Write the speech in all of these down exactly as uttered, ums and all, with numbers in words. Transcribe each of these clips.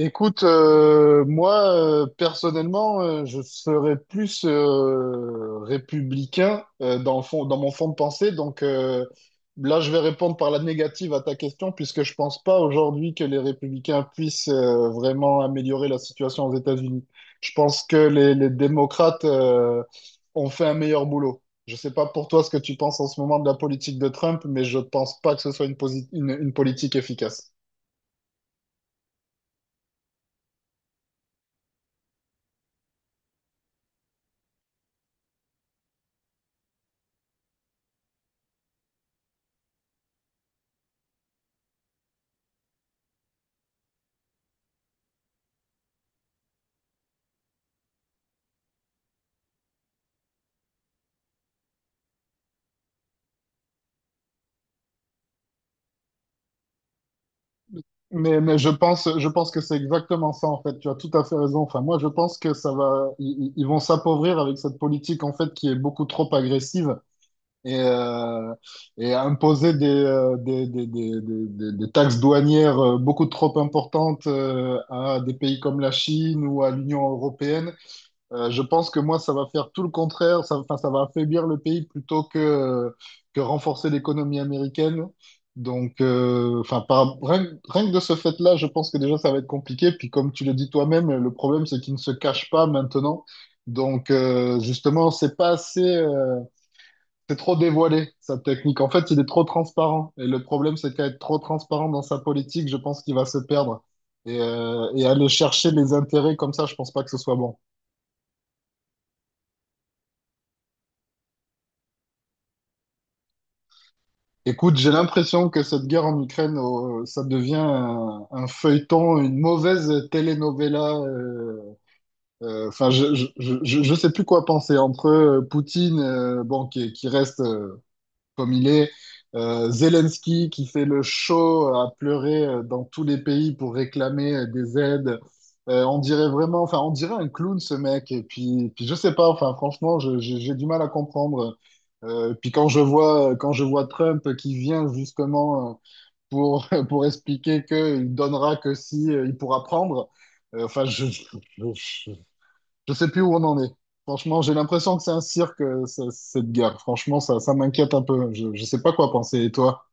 Écoute, euh, moi, euh, personnellement, euh, je serais plus euh, républicain euh, dans le fond, dans mon fond de pensée. Donc euh, là, je vais répondre par la négative à ta question, puisque je pense pas aujourd'hui que les républicains puissent euh, vraiment améliorer la situation aux États-Unis. Je pense que les, les démocrates euh, ont fait un meilleur boulot. Je sais pas pour toi ce que tu penses en ce moment de la politique de Trump, mais je pense pas que ce soit une, posi- une une politique efficace. Mais, mais je pense, je pense que c'est exactement ça, en fait. Tu as tout à fait raison. Enfin, moi, je pense que ça va, ils, ils- ils vont s'appauvrir avec cette politique, en fait, qui est beaucoup trop agressive et, euh, et imposer des, euh, des, des, des, des, des- des taxes douanières euh, beaucoup trop importantes euh, à des pays comme la Chine ou à l'Union européenne. Euh, je pense que moi, ça va faire tout le contraire. Ça, enfin, ça va affaiblir le pays plutôt que, euh, que renforcer l'économie américaine. Donc, euh, enfin, par, rien, que rien que de ce fait-là, je pense que déjà, ça va être compliqué. Puis, comme tu le dis toi-même, le problème, c'est qu'ils ne se cachent pas maintenant. Donc, euh, justement, c'est pas assez, euh, c'est trop dévoilé, sa technique. En fait, il est trop transparent. Et le problème, c'est qu'à être trop transparent dans sa politique, je pense qu'il va se perdre. Et, euh, et aller chercher les intérêts comme ça, je pense pas que ce soit bon. Écoute, j'ai l'impression que cette guerre en Ukraine, euh, ça devient un, un feuilleton, une mauvaise telenovela. euh, euh, Enfin, je, je, je, je je sais plus quoi penser entre euh, Poutine, euh, bon, qui, qui reste, euh, comme il est. Euh, Zelensky qui fait le show à pleurer euh, dans tous les pays pour réclamer euh, des aides. Euh, on dirait vraiment, enfin, on dirait un clown ce mec. Et puis, puis je sais pas, enfin, franchement, je- j'ai j'ai du mal à comprendre. Euh, puis quand je vois, quand je vois Trump qui vient justement euh, pour, pour expliquer qu'il donnera que si euh, il pourra prendre, euh, enfin, je, je, je sais plus où on en est. Franchement, j'ai l'impression que c'est un cirque, euh, ce- cette guerre. Franchement, ça, ça m'inquiète un peu. Je, je sais pas quoi penser. Et toi?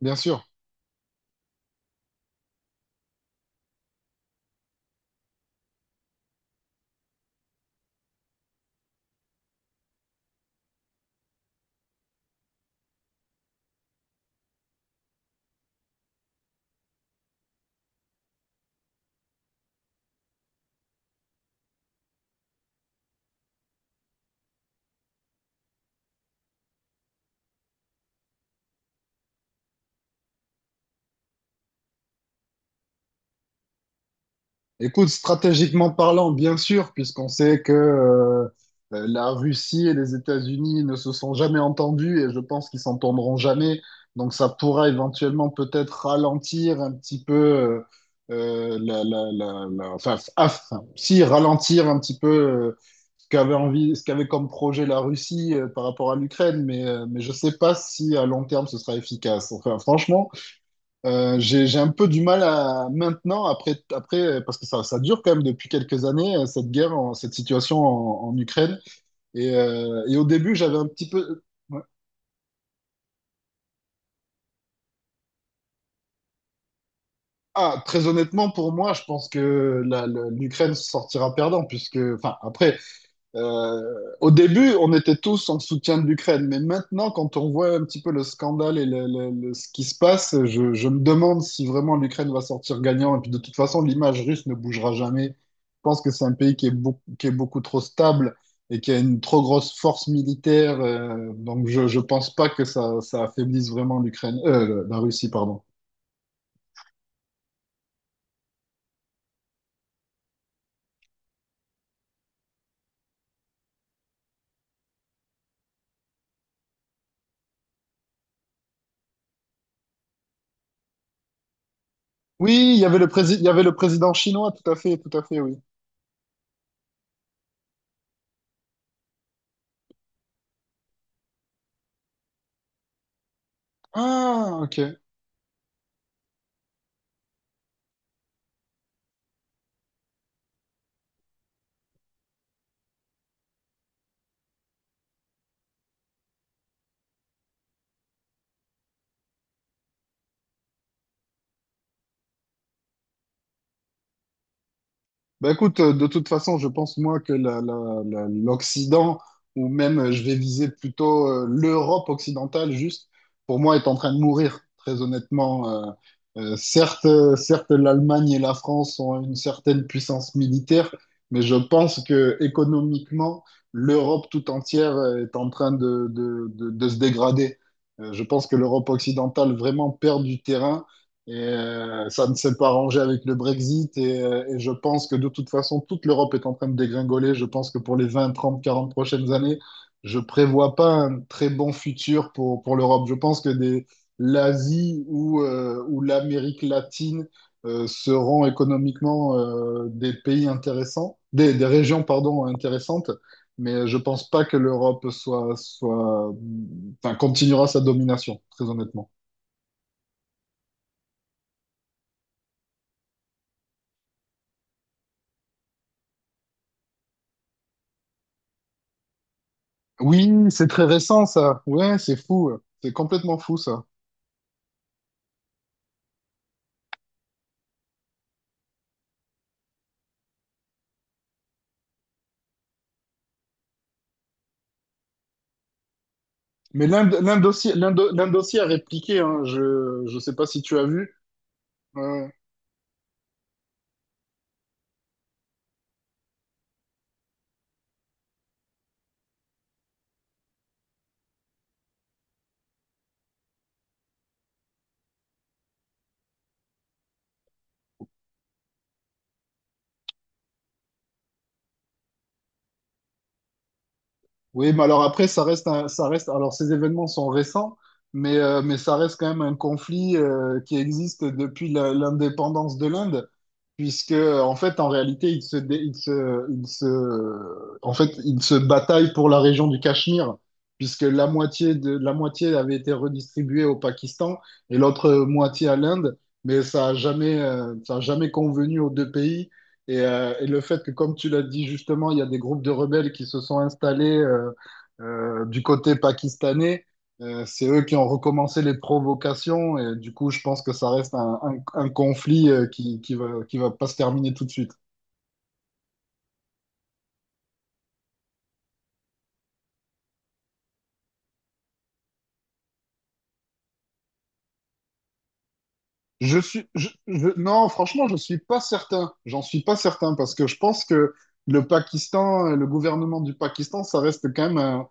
Bien sûr. Écoute, stratégiquement parlant, bien sûr, puisqu'on sait que euh, euh, la Russie et les États-Unis ne se sont jamais entendus et je pense qu'ils s'entendront jamais. Donc ça pourra éventuellement peut-être ralentir un petit peu, euh, euh, la, la, la, la- enfin, aff- si ralentir un petit peu euh, ce qu'avait envie, ce qu'avait comme projet la Russie euh, par rapport à l'Ukraine, mais, euh, mais je sais pas si à long terme ce sera efficace. Enfin, franchement. Euh, j'ai, j'ai un peu du mal à maintenant, après, après, euh, parce que ça, ça dure quand même depuis quelques années, euh, cette guerre, en- cette situation en, en Ukraine. Et, euh, et au début, j'avais un petit peu... ouais. Ah, très honnêtement, pour moi, je pense que la- la- l'Ukraine sortira perdant, puisque, enfin, après, Euh, au début, on était tous en soutien de l'Ukraine, mais maintenant, quand on voit un petit peu le scandale et le- le- le- ce qui se passe, je, je me demande si vraiment l'Ukraine va sortir gagnant. Et puis de toute façon, l'image russe ne bougera jamais. Je pense que c'est un pays qui est, beau- qui est beaucoup trop stable et qui a une trop grosse force militaire. Euh, donc je ne pense pas que ça, ça affaiblisse vraiment l'Ukraine, euh, la Russie, pardon. Oui, il y avait le prési- il y avait le président chinois, tout à fait, tout à fait, oui. Ah, ok. Bah écoute, euh, de toute façon, je pense moi que la- la- la- l'Occident, ou même euh, je vais viser plutôt euh, l'Europe occidentale, juste, pour moi, est en train de mourir, très honnêtement. Euh, euh, certes, euh, certes, l'Allemagne et la France ont une certaine puissance militaire, mais je pense que économiquement, l'Europe tout entière euh, est en train de, de- de- de se dégrader. Euh, je pense que l'Europe occidentale vraiment perd du terrain. Et euh, ça ne s'est pas arrangé avec le Brexit. Et, euh, et je pense que de toute façon, toute l'Europe est en train de dégringoler. Je pense que pour les vingt, trente, quarante prochaines années, je prévois pas un très bon futur pour, pour l'Europe. Je pense que des, l'Asie ou, euh, ou l'Amérique latine euh, seront économiquement euh, des pays intéressants, des, des régions, pardon, intéressantes. Mais je pense pas que l'Europe soit, soit, enfin, continuera sa domination, très honnêtement. Oui, c'est très récent ça. Ouais, c'est fou. C'est complètement fou ça. Mais l'Inde l'Inde aussi, l'Inde l'Inde aussi a répliqué. Hein. Je je sais pas si tu as vu. Ouais. Oui, mais alors après ça reste un- ça reste. Alors ces événements sont récents, mais euh, mais ça reste quand même un conflit euh, qui existe depuis la- l'indépendance de l'Inde. Puisque en fait, en réalité, ils se, dé- ils se, ils se, en fait, ils se bataillent pour la région du Cachemire, puisque la moitié de la moitié avait été redistribuée au Pakistan et l'autre moitié à l'Inde, mais ça a jamais, euh, ça a jamais convenu aux deux pays. Et, euh, et le fait que, comme tu l'as dit justement, il y a des groupes de rebelles qui se sont installés euh, euh, du côté pakistanais. Euh, c'est eux qui ont recommencé les provocations et du coup, je pense que ça reste un, un- un conflit euh, qui, qui va, qui va pas se terminer tout de suite. Je suis, je- je- non, franchement, je suis pas certain. J'en suis pas certain parce que je pense que le Pakistan, euh, le gouvernement du Pakistan, ça reste quand même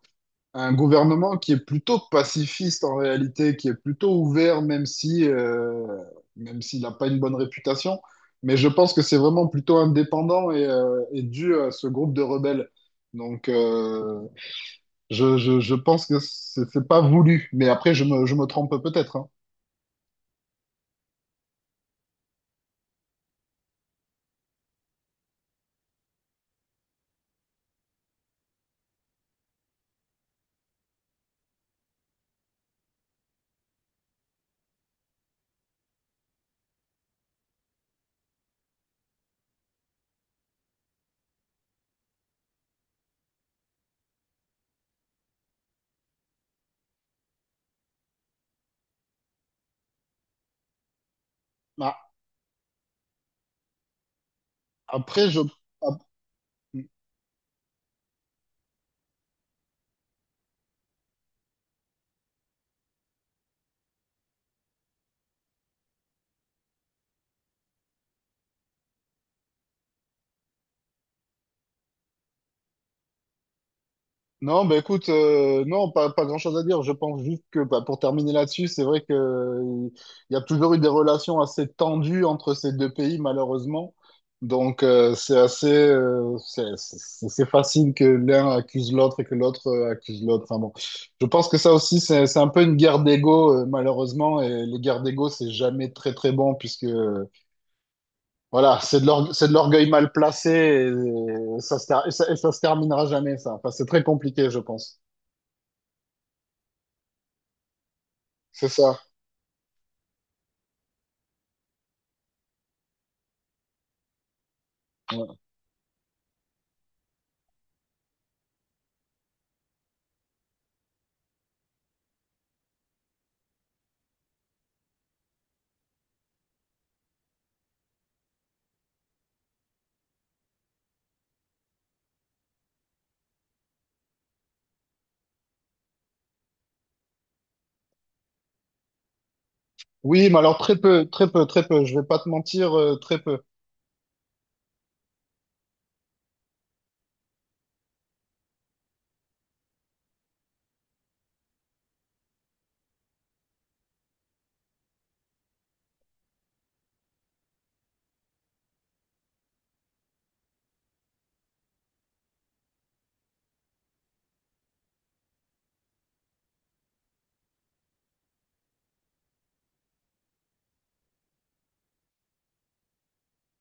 un gouvernement qui est plutôt pacifiste en réalité, qui est plutôt ouvert, même si, euh, même s'il n'a pas une bonne réputation. Mais je pense que c'est vraiment plutôt indépendant et, euh, et dû à ce groupe de rebelles. Donc, euh, je, je, je pense que c'est c'est pas voulu. Mais après, je me, je me trompe peut-être. Hein. Ah, Après, je, non, bah écoute, euh, non, pas, pas grand-chose à dire. Je pense juste que bah, pour terminer là-dessus, c'est vrai que euh, il y a toujours eu des relations assez tendues entre ces deux pays, malheureusement. Donc euh, c'est assez, euh, c'est c'est- c'est facile que l'un accuse l'autre et que l'autre euh, accuse l'autre. Enfin bon, je pense que ça aussi, c'est c'est un peu une guerre d'ego, euh, malheureusement. Et les guerres d'ego, c'est jamais très très bon puisque euh, voilà, c'est de l'orgue- c'est de l'orgueil mal placé et, ça se ter- et ça, et ça se terminera jamais ça. Enfin, c'est très compliqué, je pense. C'est ça. Ouais. Oui, mais alors très peu, très peu, très peu. Je vais pas te mentir, euh, très peu.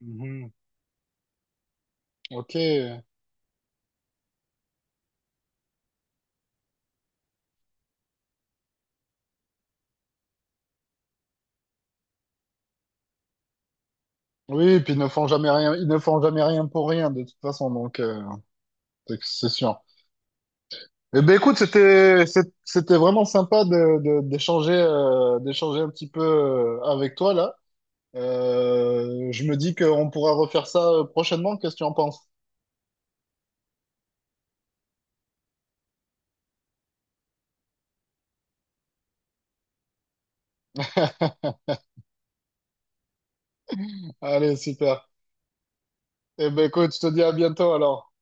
Mhm. Ok. Oui, et puis ils ne font jamais rien, ils ne font jamais rien pour rien de toute façon, donc euh, c'est c'est sûr. Eh ben écoute, c'était c'est- c'était vraiment sympa de de- d'échanger euh, d'échanger un petit peu euh, avec toi là. Euh, je me dis qu'on pourra refaire ça euh, prochainement. Qu'est-ce que tu en penses? Allez, super. Eh ben écoute, je te dis à bientôt alors.